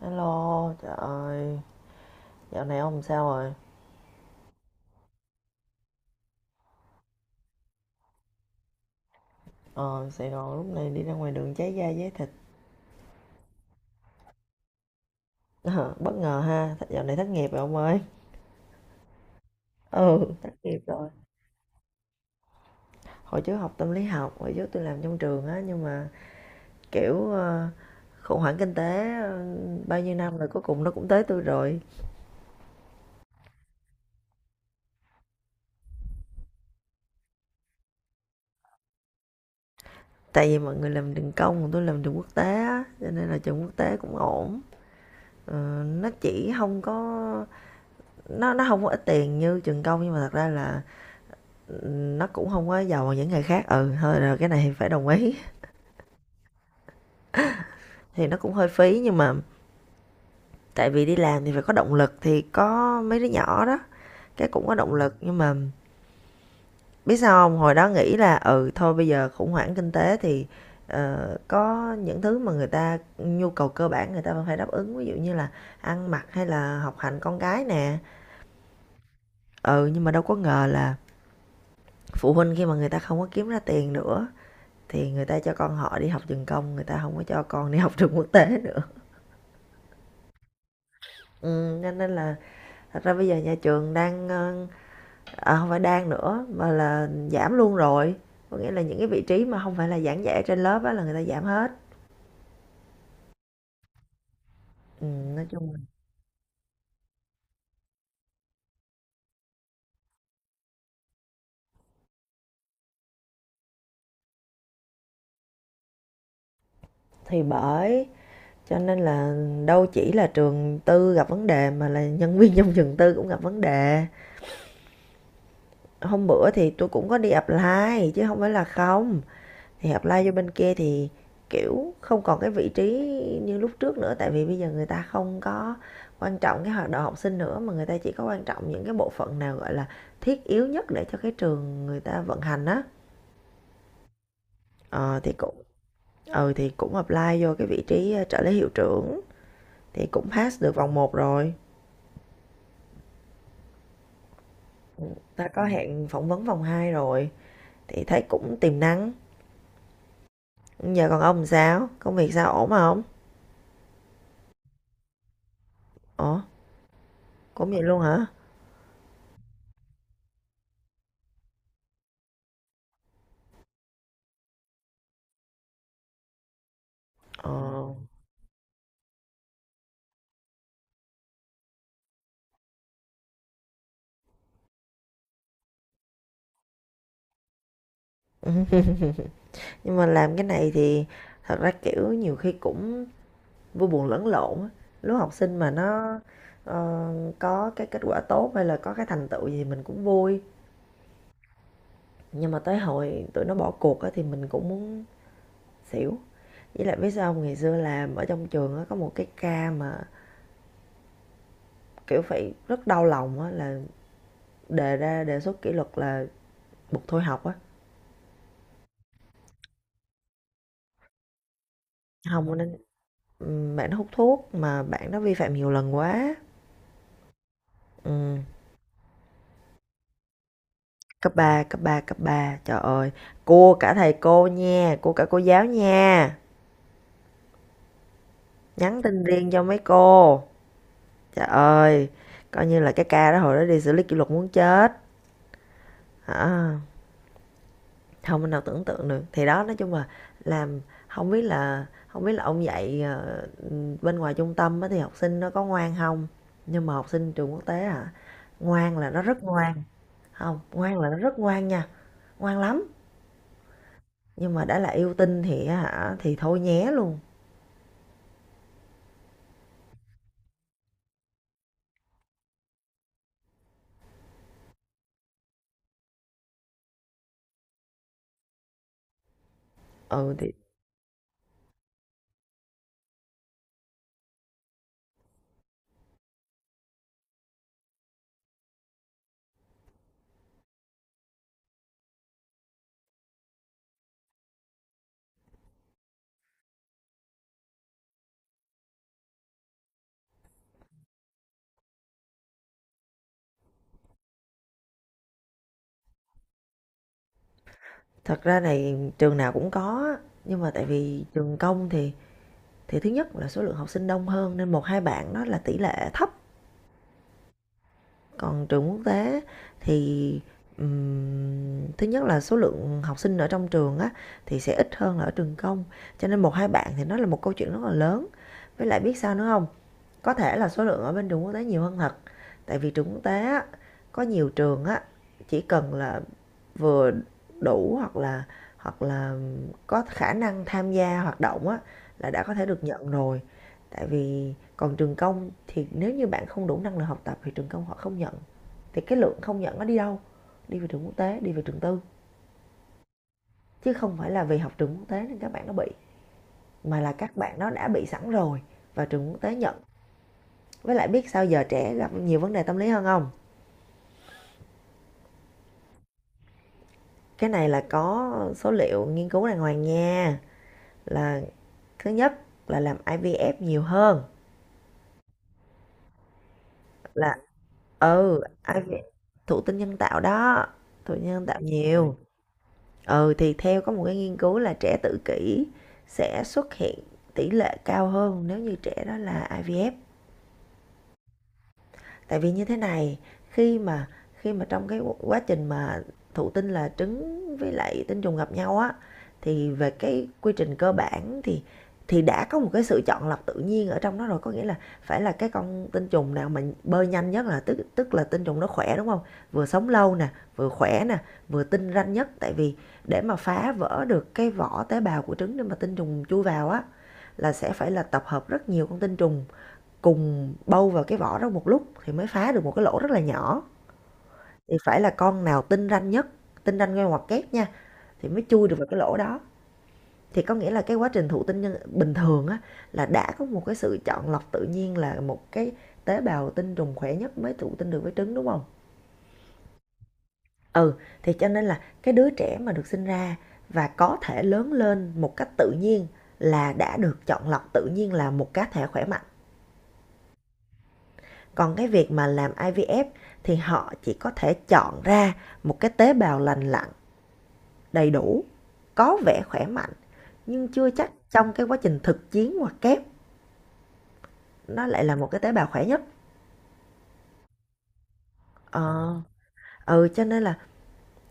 Hello, trời ơi, dạo này ông sao rồi? Ờ, Sài Gòn lúc này đi ra ngoài đường cháy da cháy thịt. Ờ, bất ngờ ha, dạo này thất nghiệp rồi ông ơi. Ừ, thất nghiệp rồi. Hồi trước học tâm lý học, hồi trước tôi làm trong trường á, nhưng mà kiểu khủng hoảng kinh tế bao nhiêu năm rồi cuối cùng nó cũng tới tôi rồi. Tại vì mọi người làm trường công, còn tôi làm trường quốc tế á, cho nên là trường quốc tế cũng ổn. Ờ, nó chỉ không có nó không có ít tiền như trường công, nhưng mà thật ra là nó cũng không có giàu bằng những nghề khác. Ừ thôi rồi, cái này thì phải đồng ý, thì nó cũng hơi phí. Nhưng mà tại vì đi làm thì phải có động lực, thì có mấy đứa nhỏ đó cái cũng có động lực. Nhưng mà biết sao không, hồi đó nghĩ là ừ thôi bây giờ khủng hoảng kinh tế thì có những thứ mà người ta nhu cầu cơ bản người ta vẫn phải đáp ứng, ví dụ như là ăn mặc hay là học hành con cái nè. Ừ, nhưng mà đâu có ngờ là phụ huynh khi mà người ta không có kiếm ra tiền nữa thì người ta cho con họ đi học trường công, người ta không có cho con đi học trường quốc tế nữa. Cho nên là thật ra bây giờ nhà trường đang, à, hông phải đang nữa mà là giảm luôn rồi. Có nghĩa là những cái vị trí mà không phải là giảng dạy trên lớp á là người ta giảm hết. Nói chung thì bởi, cho nên là đâu chỉ là trường tư gặp vấn đề mà là nhân viên trong trường tư cũng gặp vấn đề. Hôm bữa thì tôi cũng có đi apply chứ không phải là không. Thì apply vô bên kia thì kiểu không còn cái vị trí như lúc trước nữa, tại vì bây giờ người ta không có quan trọng cái hoạt động học sinh nữa mà người ta chỉ có quan trọng những cái bộ phận nào gọi là thiết yếu nhất để cho cái trường người ta vận hành á. Ờ, thì cũng ừ thì cũng apply vô cái vị trí trợ lý hiệu trưởng, thì cũng pass được vòng một rồi. Ta có hẹn phỏng vấn vòng 2 rồi, thì thấy cũng tiềm năng. Giờ còn ông, sao công việc, sao ổn không? Ủa, cũng vậy luôn hả? Ờ, ừ. Nhưng mà làm cái này thì thật ra kiểu nhiều khi cũng vui buồn lẫn lộn á. Lúc học sinh mà nó ờ, có cái kết quả tốt hay là có cái thành tựu gì, mình cũng vui. Nhưng mà tới hồi tụi nó bỏ cuộc á thì mình cũng muốn xỉu. Với lại biết sao không? Ngày xưa làm ở trong trường á, có một cái ca mà kiểu phải rất đau lòng á là đề ra đề xuất kỷ luật là buộc thôi học á. Không nên bạn nó hút thuốc mà bạn nó vi phạm nhiều lần quá. Ừ. Cấp ba, cấp ba, cấp 3 trời ơi! Cua cả thầy cô nha, cua cả cô giáo nha, nhắn tin riêng cho mấy cô, trời ơi. Coi như là cái ca đó hồi đó đi xử lý kỷ luật muốn chết, hả, không mình nào tưởng tượng được. Thì đó nói chung là làm, không biết là ông dạy bên ngoài trung tâm á thì học sinh nó có ngoan không, nhưng mà học sinh trường quốc tế hả, ngoan là nó rất ngoan. Không, ngoan là nó rất ngoan nha, ngoan lắm. Nhưng mà đã là yêu tinh thì á hả, thì thôi nhé luôn. Ừ thì thật ra này trường nào cũng có, nhưng mà tại vì trường công thì thứ nhất là số lượng học sinh đông hơn nên một 2 bạn đó là tỷ lệ thấp. Còn trường quốc tế thì, thứ nhất là số lượng học sinh ở trong trường á thì sẽ ít hơn là ở trường công, cho nên một 2 bạn thì nó là một câu chuyện rất là lớn. Với lại biết sao nữa không? Có thể là số lượng ở bên trường quốc tế nhiều hơn thật, tại vì trường quốc tế á, có nhiều trường á, chỉ cần là vừa đủ hoặc là có khả năng tham gia hoạt động á là đã có thể được nhận rồi. Tại vì còn trường công thì nếu như bạn không đủ năng lực học tập thì trường công họ không nhận. Thì cái lượng không nhận nó đi đâu? Đi về trường quốc tế, đi về trường tư. Chứ không phải là vì học trường quốc tế nên các bạn nó bị, mà là các bạn nó đã bị sẵn rồi và trường quốc tế nhận. Với lại biết sao giờ trẻ gặp nhiều vấn đề tâm lý hơn không? Cái này là có số liệu nghiên cứu đàng hoàng nha. Là thứ nhất là làm IVF nhiều hơn, là, ừ, ai vi, thụ tinh nhân tạo đó. Thụ tinh nhân tạo nhiều. Ừ thì theo có một cái nghiên cứu là trẻ tự kỷ sẽ xuất hiện tỷ lệ cao hơn nếu như trẻ đó là IVF. Tại vì như thế này, khi mà khi mà trong cái quá trình mà thụ tinh là trứng với lại tinh trùng gặp nhau á, thì về cái quy trình cơ bản thì đã có một cái sự chọn lọc tự nhiên ở trong đó rồi, có nghĩa là phải là cái con tinh trùng nào mà bơi nhanh nhất, là tức tức là tinh trùng nó khỏe, đúng không? Vừa sống lâu nè, vừa khỏe nè, vừa tinh ranh nhất, tại vì để mà phá vỡ được cái vỏ tế bào của trứng để mà tinh trùng chui vào á là sẽ phải là tập hợp rất nhiều con tinh trùng cùng bâu vào cái vỏ đó một lúc thì mới phá được một cái lỗ rất là nhỏ. Thì phải là con nào tinh ranh nhất, tinh ranh ngay ngoặc kép nha, thì mới chui được vào cái lỗ đó. Thì có nghĩa là cái quá trình thụ tinh nhân bình thường á là đã có một cái sự chọn lọc tự nhiên, là một cái tế bào tinh trùng khỏe nhất mới thụ tinh được với trứng, đúng không? Ừ thì cho nên là cái đứa trẻ mà được sinh ra và có thể lớn lên một cách tự nhiên là đã được chọn lọc tự nhiên, là một cá thể khỏe mạnh. Còn cái việc mà làm IVF thì họ chỉ có thể chọn ra một cái tế bào lành lặn, đầy đủ, có vẻ khỏe mạnh, nhưng chưa chắc trong cái quá trình thực chiến hoặc kép nó lại là một cái tế bào khỏe nhất. Ờ, ừ cho nên là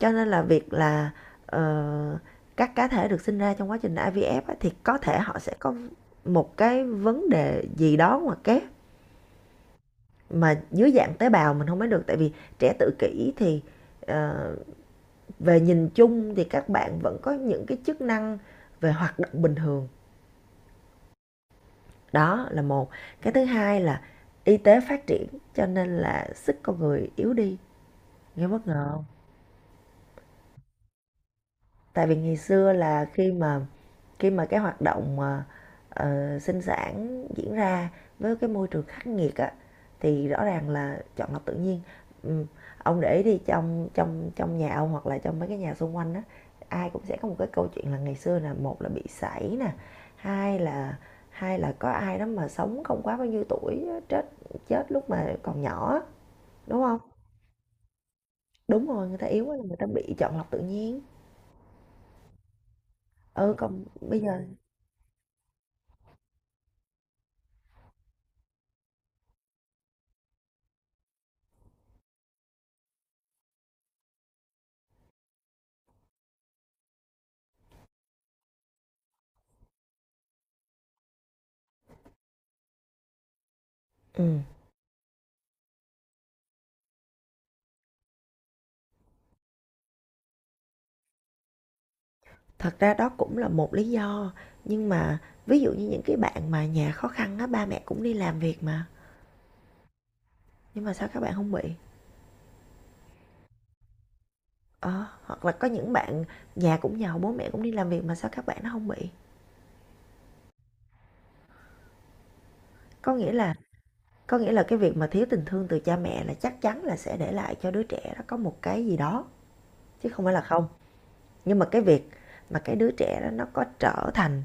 cho nên là việc là ờ, các cá thể được sinh ra trong quá trình IVF á, thì có thể họ sẽ có một cái vấn đề gì đó ngoài kép, mà dưới dạng tế bào mình không biết được, tại vì trẻ tự kỷ thì ờ, về nhìn chung thì các bạn vẫn có những cái chức năng về hoạt động bình thường. Đó là một. Cái thứ hai là y tế phát triển, cho nên là sức con người yếu đi. Nghe bất ngờ không? Tại vì ngày xưa là khi mà cái hoạt động mà sinh sản diễn ra với cái môi trường khắc nghiệt á thì rõ ràng là chọn lọc tự nhiên. Ừ. Ông để đi trong trong trong nhà ông hoặc là trong mấy cái nhà xung quanh á, ai cũng sẽ có một cái câu chuyện là ngày xưa là một là bị sảy nè, hai là hai là có ai đó mà sống không quá bao nhiêu tuổi chết, chết lúc mà còn nhỏ. Đúng không? Đúng rồi, người ta yếu quá là người ta bị chọn lọc tự nhiên. Ừ, còn bây giờ, ừ, thật ra đó cũng là một lý do, nhưng mà ví dụ như những cái bạn mà nhà khó khăn á, ba mẹ cũng đi làm việc mà, nhưng mà sao các bạn không bị? Ờ, hoặc là có những bạn nhà cũng giàu, bố mẹ cũng đi làm việc mà sao các bạn nó không bị? Có nghĩa là có nghĩa là cái việc mà thiếu tình thương từ cha mẹ là chắc chắn là sẽ để lại cho đứa trẻ nó có một cái gì đó, chứ không phải là không. Nhưng mà cái việc mà cái đứa trẻ đó nó có trở thành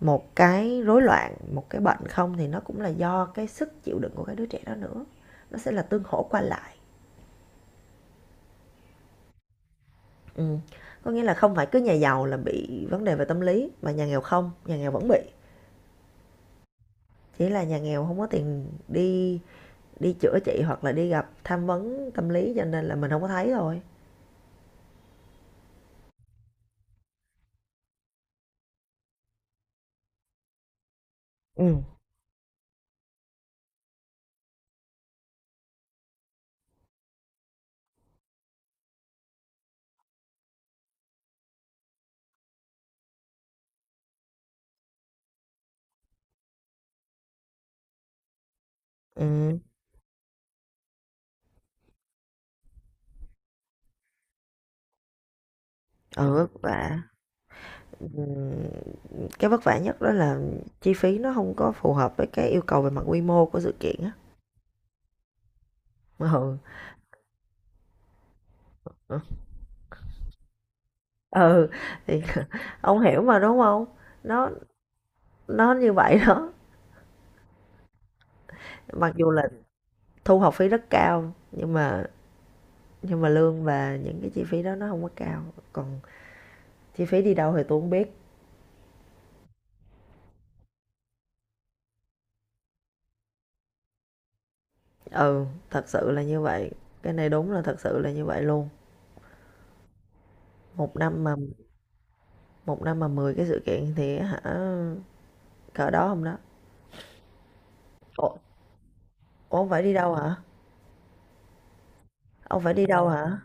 một cái rối loạn, một cái bệnh không thì nó cũng là do cái sức chịu đựng của cái đứa trẻ đó nữa, nó sẽ là tương hỗ qua lại. Ừm, có nghĩa là không phải cứ nhà giàu là bị vấn đề về tâm lý mà nhà nghèo không, nhà nghèo vẫn bị, chỉ là nhà nghèo không có tiền đi đi chữa trị hoặc là đi gặp tham vấn tâm lý cho nên là mình không có thấy thôi. Ừ. Ừm. Ừ, vất vả. ừm, cái vất vả nhất đó là chi phí nó không có phù hợp với cái yêu cầu về mặt quy mô của sự kiện á. Ừ, ừ, ừ, thì ông hiểu mà, đúng không? Nó nó như vậy đó. Mặc dù là thu học phí rất cao nhưng mà lương và những cái chi phí đó nó không có cao, còn chi phí đi đâu thì tôi không biết. Ừ, thật sự là như vậy, cái này đúng là thật sự là như vậy luôn. Một năm mà một năm mà 10 cái sự kiện thì hả? Cỡ đó không đó? Ủa. Ủa, ông phải đi đâu hả? Ông phải đi đâu hả?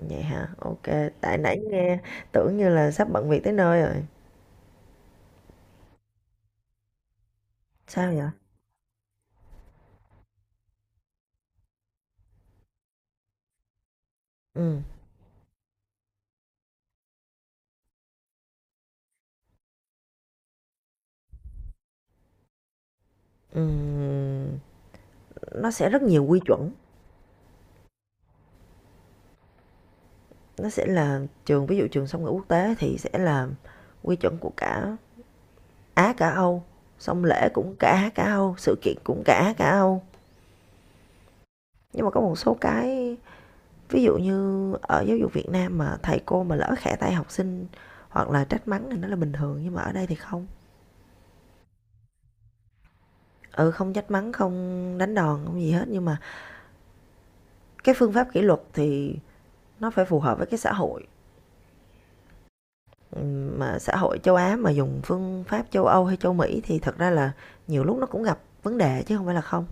Vậy hả? Ok. Tại nãy nghe tưởng như là sắp bận việc tới nơi rồi. Sao vậy? Ừ. Ừ, nó sẽ rất nhiều quy chuẩn. Nó sẽ là trường, ví dụ trường song ngữ quốc tế thì sẽ là quy chuẩn của cả Á cả Âu, xong lễ cũng cả Á cả Âu, sự kiện cũng cả Á cả Âu. Nhưng mà có một số cái, ví dụ như ở giáo dục Việt Nam mà thầy cô mà lỡ khẽ tay học sinh hoặc là trách mắng thì nó là bình thường, nhưng mà ở đây thì không. Ừ, không trách mắng, không đánh đòn, không gì hết, nhưng mà cái phương pháp kỷ luật thì nó phải phù hợp với cái xã hội. Ừ, mà xã hội châu Á mà dùng phương pháp châu Âu hay châu Mỹ thì thật ra là nhiều lúc nó cũng gặp vấn đề, chứ không phải là không.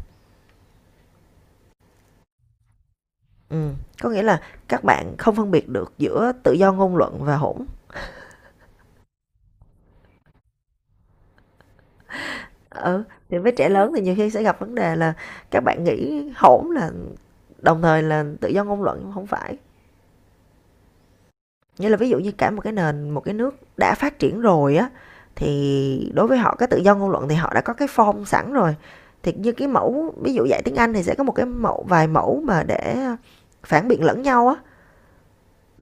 Ừ, có nghĩa là các bạn không phân biệt được giữa tự do ngôn luận và hỗn. Ừ, thì với trẻ lớn thì nhiều khi sẽ gặp vấn đề là các bạn nghĩ hỗn là đồng thời là tự do ngôn luận, nhưng không phải. Nghĩa là ví dụ như cả một cái nền, một cái nước đã phát triển rồi á, thì đối với họ cái tự do ngôn luận thì họ đã có cái form sẵn rồi. Thì như cái mẫu, ví dụ dạy tiếng Anh thì sẽ có một cái mẫu, vài mẫu mà để phản biện lẫn nhau á,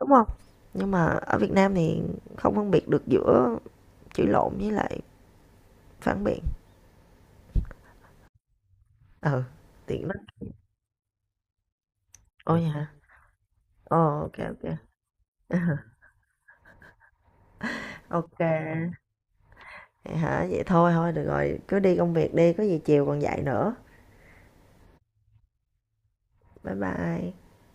đúng không? Nhưng mà ở Việt Nam thì không phân biệt được giữa chửi lộn với lại phản biện. Ừ, tiện lắm. Ôi hả? Ồ, ok ok. Ok. Hả? Vậy thôi thôi được rồi, cứ đi công việc đi, có gì chiều còn dạy nữa. Bye bye.